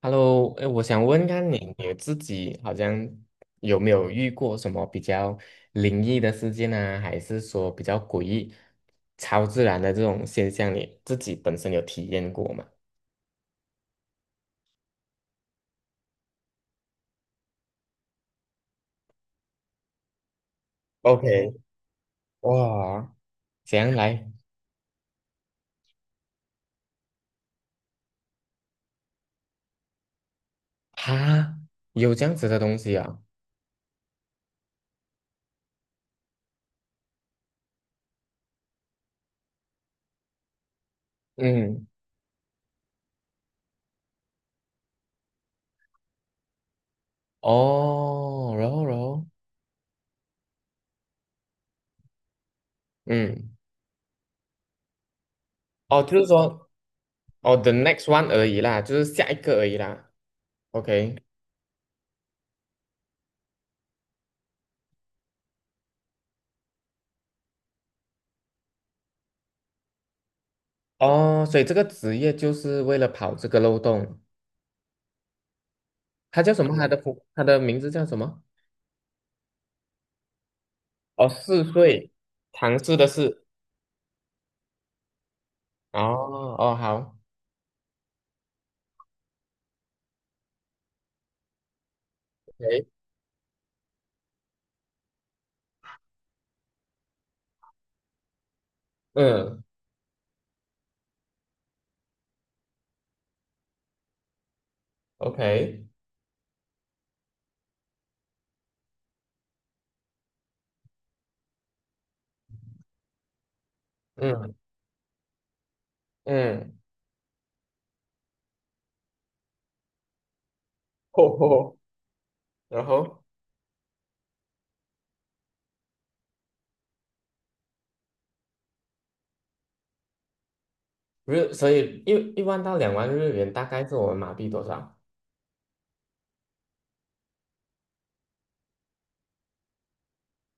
Hello，哎，我想问看你，你自己好像有没有遇过什么比较灵异的事件啊，还是说比较诡异、超自然的这种现象，你自己本身有体验过吗？OK，哇，这样来？哈，有这样子的东西啊？嗯，哦，然后，嗯，哦，就是说，哦，the next one 而已啦，就是下一个而已啦。OK，哦，所以这个职业就是为了跑这个漏洞。他叫什么？他的名字叫什么？哦，4岁，唐氏的氏。哦哦，好，OK，嗯，OK，嗯嗯，吼吼，然后所以一万到两万日元大概是我们马币多少？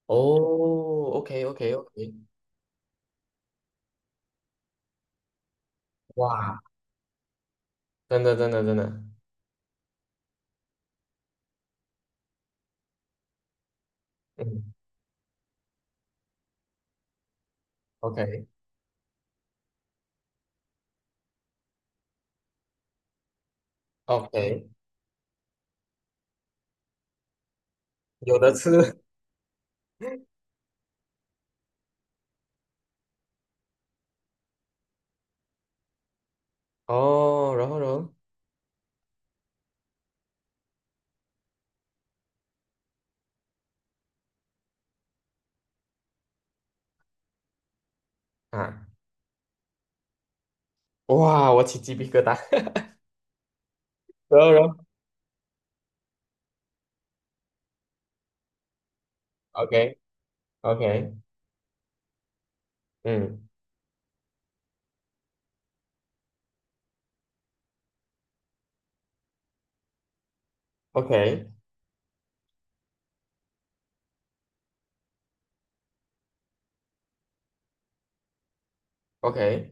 哦，OK OK OK，哇，真的真的真的，嗯，OK OK，有的吃哦，然后啊，哇，我起鸡皮疙瘩，然后 OK OK，嗯，OK OK。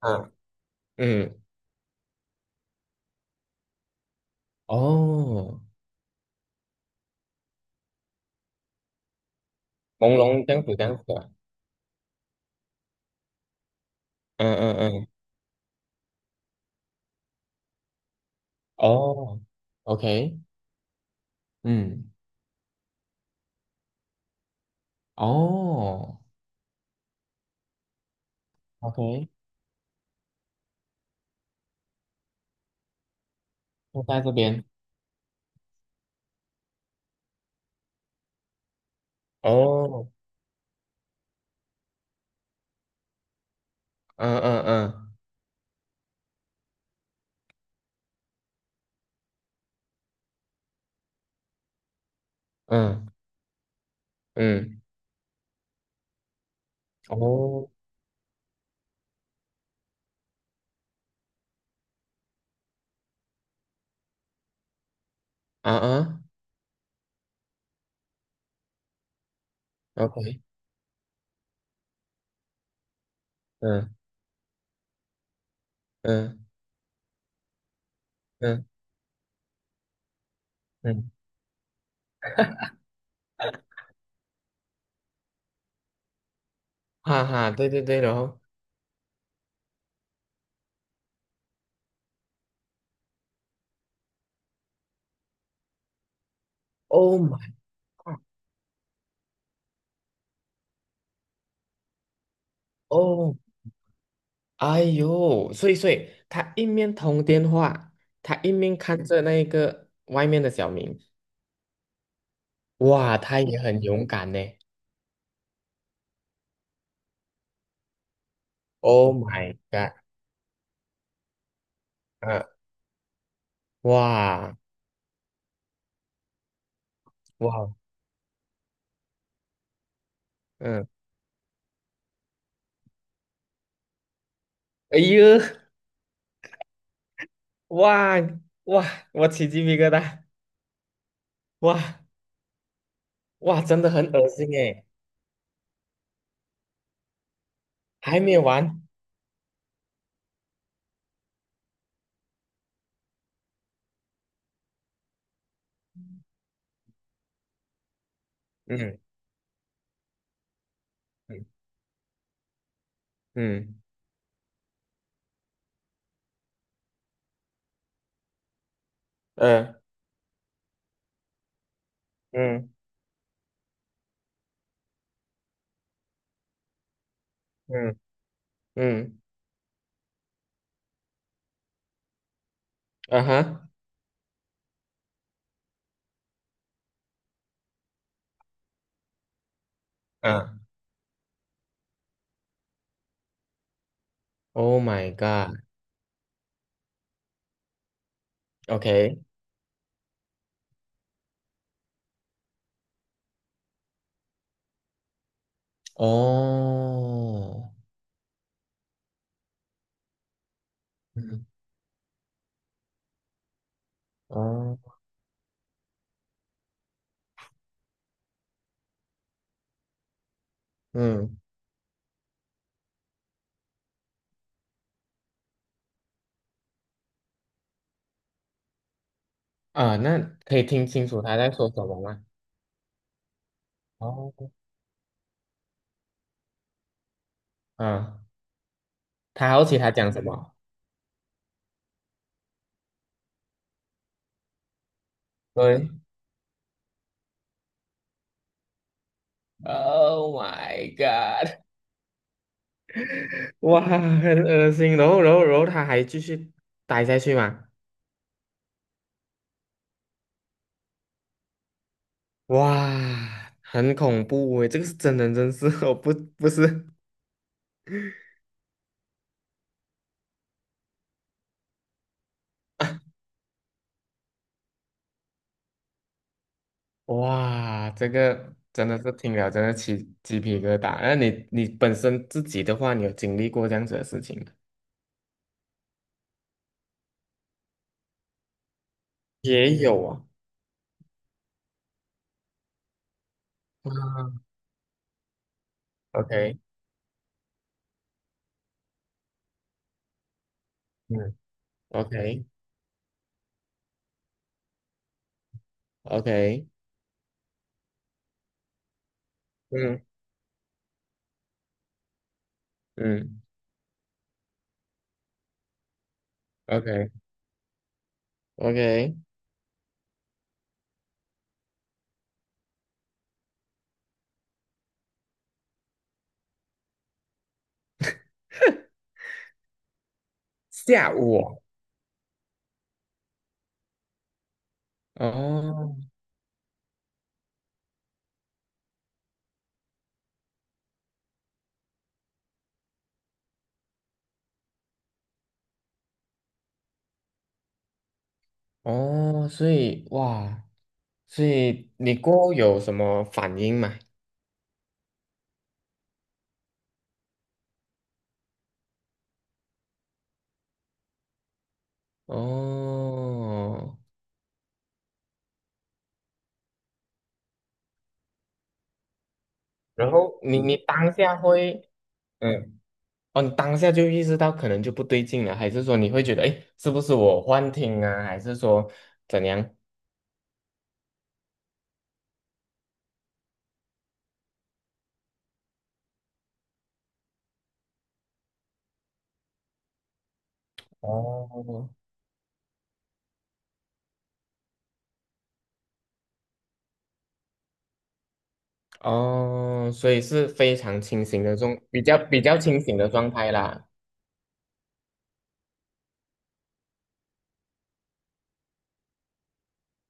嗯嗯，哦，朦胧这样子这样子啊嗯嗯嗯，哦，OK，嗯，哦，OK，就在这边，哦，嗯嗯嗯嗯嗯，哦，啊啊，OK，嗯嗯嗯嗯，哈哈，对对对，然后，Oh my God，哦，哎呦，所以他一面通电话，他一面看着那个外面的小明，哇，他也很勇敢呢。Oh my god！啊，哇哇，嗯，哎呦，哇哇，我起鸡皮疙瘩，哇哇，真的很恶心诶，还没完，嗯嗯嗯嗯嗯嗯嗯，啊哈，嗯，Oh my god！OK，哦，嗯哦嗯啊，那可以听清楚他在说什么吗？哦，嗯，他好奇他讲什么？对，Oh my god！哇，很恶心。然后他还继续待下去嘛？哇，很恐怖诶，这个是真人真事哦，不，不是。哇，这个真的是听了真的起鸡皮疙瘩。那你本身自己的话，你有经历过这样子的事情吗？也有啊。啊，OK，嗯，OK，OK，嗯嗯，OK，OK，下午哦，哦哦，所以哇，所以你过后有什么反应吗？哦，然后你当下会，嗯，哦，你当下就意识到可能就不对劲了，还是说你会觉得，哎，是不是我幻听啊？还是说怎样？哦哦，所以是非常清醒的比较清醒的状态啦。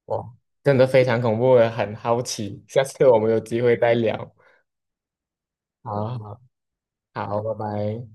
哇，真的非常恐怖，我也很好奇，下次我们有机会再聊。好好好，拜拜。